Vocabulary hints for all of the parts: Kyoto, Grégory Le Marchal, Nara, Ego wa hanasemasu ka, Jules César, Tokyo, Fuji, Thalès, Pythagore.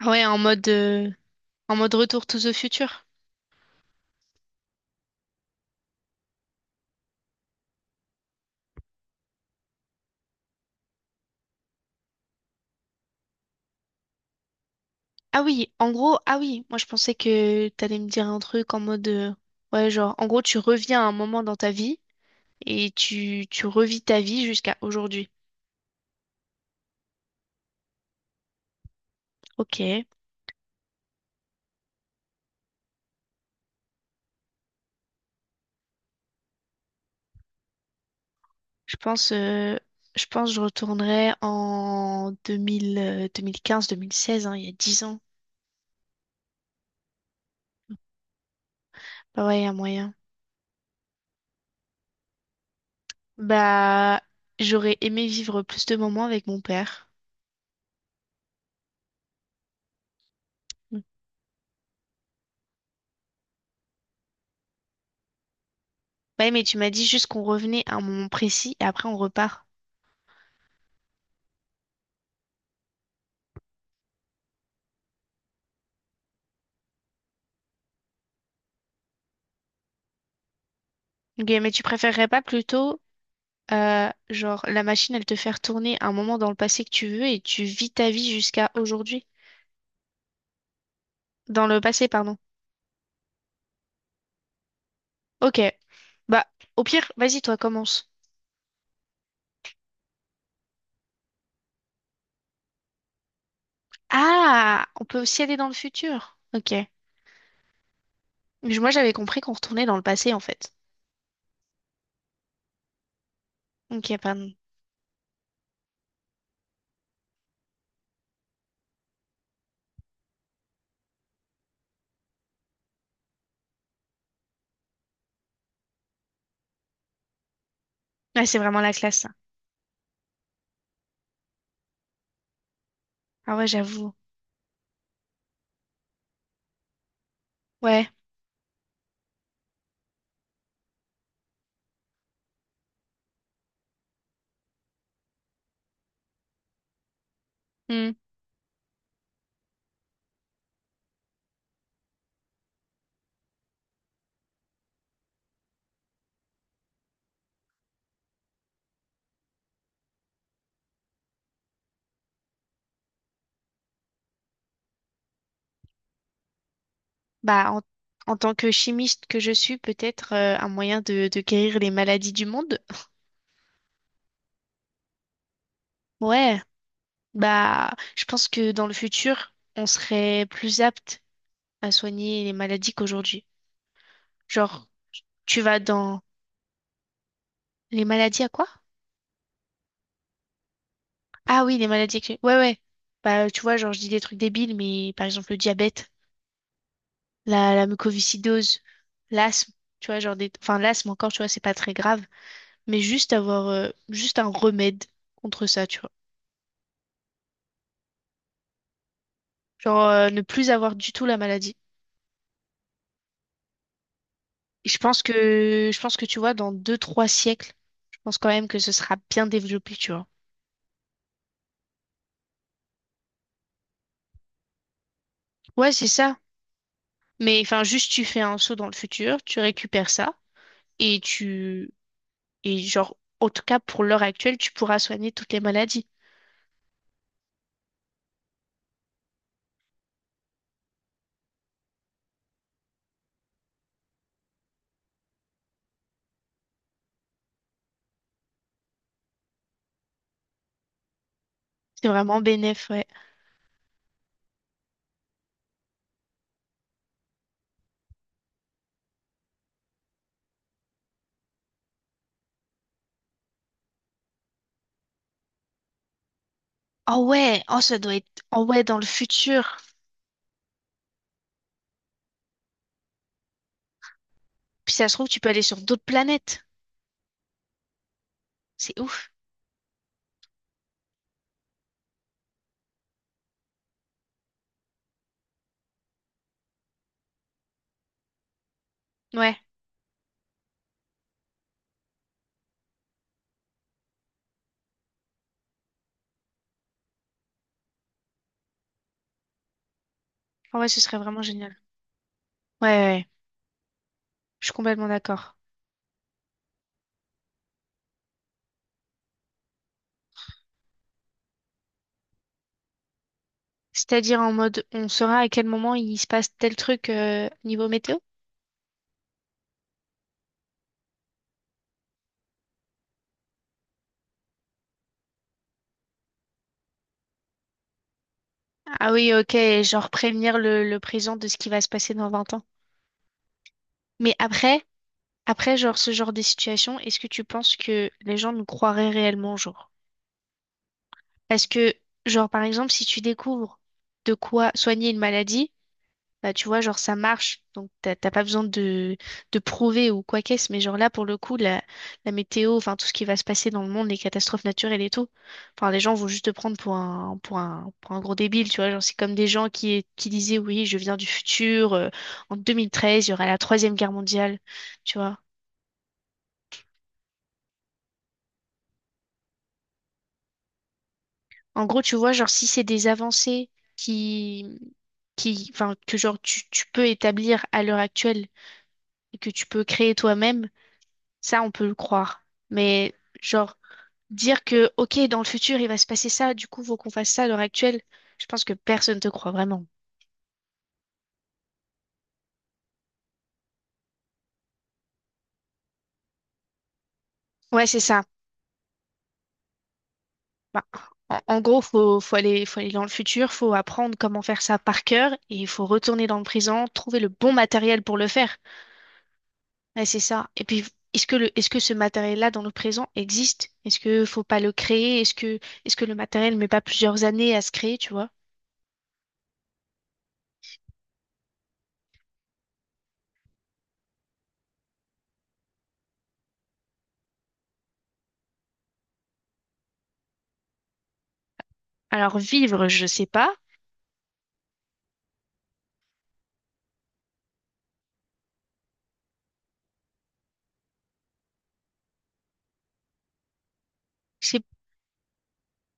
Ah ouais, en mode retour to the future. Ah oui, en gros, ah oui, moi je pensais que t'allais me dire un truc en mode, ouais, genre, en gros, tu reviens à un moment dans ta vie et tu revis ta vie jusqu'à aujourd'hui. Ok, pense, euh, je pense que je retournerai en 2000, 2015, 2016, hein, il y a 10 ans. Bah ouais, il y a moyen. Bah, j'aurais aimé vivre plus de moments avec mon père. Ouais, mais tu m'as dit juste qu'on revenait à un moment précis et après on repart. Ok, mais tu préférerais pas plutôt, genre, la machine, elle te faire tourner un moment dans le passé que tu veux et tu vis ta vie jusqu'à aujourd'hui? Dans le passé, pardon. Ok. Bah, au pire, vas-y, toi, commence. Ah, on peut aussi aller dans le futur. Ok. Mais moi, j'avais compris qu'on retournait dans le passé, en fait. Ok, pardon. Ouais, c'est vraiment la classe, ça. Ah ouais, j'avoue. Ouais. Hmm. Bah, en tant que chimiste que je suis, peut-être un moyen de guérir les maladies du monde. Ouais. Bah, je pense que dans le futur, on serait plus apte à soigner les maladies qu'aujourd'hui. Genre, tu vas dans les maladies à quoi? Ah oui, les maladies. Ouais, ouais. Bah, tu vois, genre, je dis des trucs débiles, mais par exemple, le diabète, la mucoviscidose, l'asthme, tu vois, genre des. Enfin, l'asthme encore, tu vois, c'est pas très grave, mais juste avoir, juste un remède contre ça, tu vois. Genre, ne plus avoir du tout la maladie. Et je pense que tu vois, dans deux, trois siècles, je pense quand même que ce sera bien développé, tu vois. Ouais, c'est ça. Mais enfin, juste tu fais un saut dans le futur, tu récupères ça et tu et genre en tout cas pour l'heure actuelle, tu pourras soigner toutes les maladies. C'est vraiment bénéf, ouais. Oh ouais, oh ça doit être oh ouais dans le futur. Puis ça se trouve tu peux aller sur d'autres planètes. C'est ouf. Ouais. Oh ouais, ce serait vraiment génial. Ouais, ouais, ouais. Je suis complètement d'accord. C'est-à-dire en mode on saura à quel moment il se passe tel truc niveau météo? Ah oui, ok, genre prévenir le présent de ce qui va se passer dans 20 ans. Mais après Après, genre, ce genre de situation, est-ce que tu penses que les gens nous croiraient réellement, genre? Parce que, genre, par exemple, si tu découvres de quoi soigner une maladie, bah, tu vois, genre, ça marche. Donc, t'as pas besoin de prouver ou quoi qu'est-ce. Mais, genre, là, pour le coup, la météo, enfin, tout ce qui va se passer dans le monde, les catastrophes naturelles et tout, enfin, les gens vont juste te prendre pour un gros débile, tu vois. Genre, c'est comme des gens qui disaient, oui, je viens du futur, en 2013, il y aura la Troisième Guerre mondiale, tu vois. En gros, tu vois, genre, si c'est des avancées qui, qui, enfin, que genre tu peux établir à l'heure actuelle et que tu peux créer toi-même, ça, on peut le croire. Mais genre, dire que, OK, dans le futur, il va se passer ça, du coup, faut qu'on fasse ça à l'heure actuelle, je pense que personne te croit vraiment. Ouais, c'est ça. Bah, en gros, faut aller dans le futur, faut apprendre comment faire ça par cœur et il faut retourner dans le présent, trouver le bon matériel pour le faire. Ouais, c'est ça. Et puis, est-ce que ce matériel-là dans le présent existe? Est-ce que faut pas le créer? Est-ce que le matériel met pas plusieurs années à se créer, tu vois? Alors, vivre, je sais pas. C'est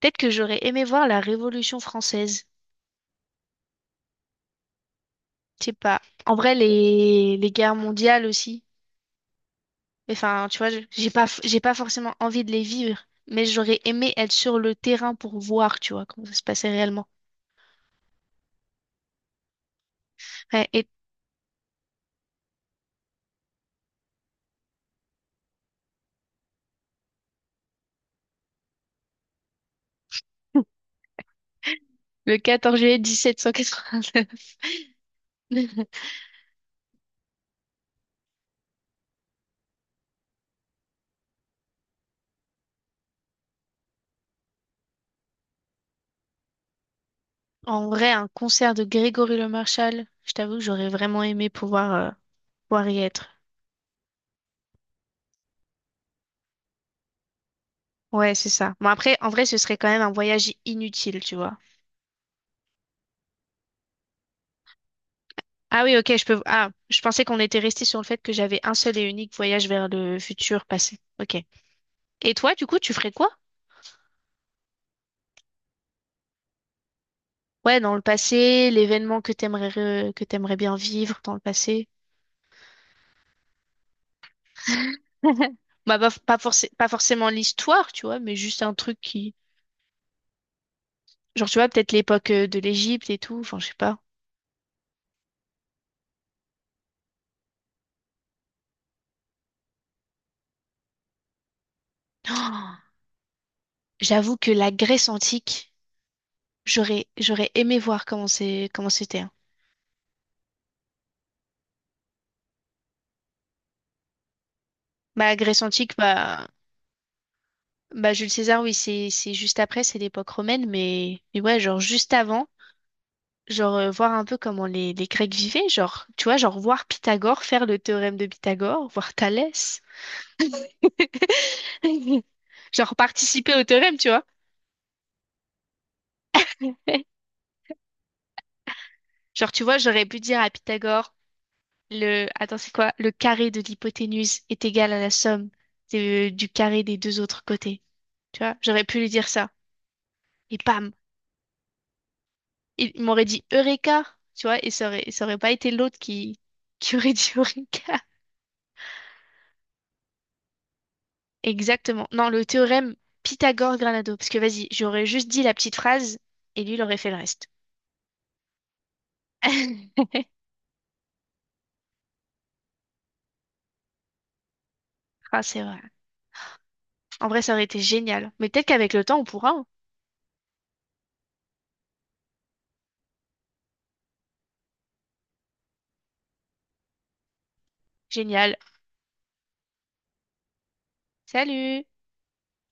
peut-être que j'aurais aimé voir la Révolution française. Je sais pas. En vrai, les guerres mondiales aussi. Enfin, tu vois, j'ai pas forcément envie de les vivre, mais j'aurais aimé être sur le terrain pour voir, tu vois, comment ça se passait réellement. Ouais, et le 14 juillet 1789. En vrai, un concert de Grégory Le Marchal, je t'avoue que j'aurais vraiment aimé pouvoir y être. Ouais, c'est ça. Bon, après, en vrai, ce serait quand même un voyage inutile, tu vois. Ah oui, ok, je peux. Ah, je pensais qu'on était resté sur le fait que j'avais un seul et unique voyage vers le futur passé. Ok. Et toi, du coup, tu ferais quoi? Ouais, dans le passé, l'événement que t'aimerais bien vivre dans le passé. Bah, pas forcément l'histoire, tu vois, mais juste un truc qui. Genre, tu vois, peut-être l'époque de l'Égypte et tout, enfin, je sais pas. J'avoue que la Grèce antique, j'aurais aimé voir comment c'était, hein. Bah, la Grèce antique, bah Jules César, oui, c'est juste après, c'est l'époque romaine, mais ouais, genre juste avant, genre voir un peu comment les Grecs vivaient, genre, tu vois, genre voir Pythagore faire le théorème de Pythagore, voir Thalès, genre participer au théorème, tu vois. Genre, tu vois, j'aurais pu dire à Pythagore, attends, c'est quoi? Le carré de l'hypoténuse est égal à la somme du carré des deux autres côtés. Tu vois, j'aurais pu lui dire ça. Et bam! Il m'aurait dit Eureka! Tu vois, et ça aurait pas été l'autre qui aurait dit Eureka. Exactement. Non, le théorème Pythagore-Granado. Parce que vas-y, j'aurais juste dit la petite phrase et lui, il aurait fait le reste. Ah, c'est vrai. En vrai, ça aurait été génial. Mais peut-être qu'avec le temps, on pourra, hein. Génial. Salut!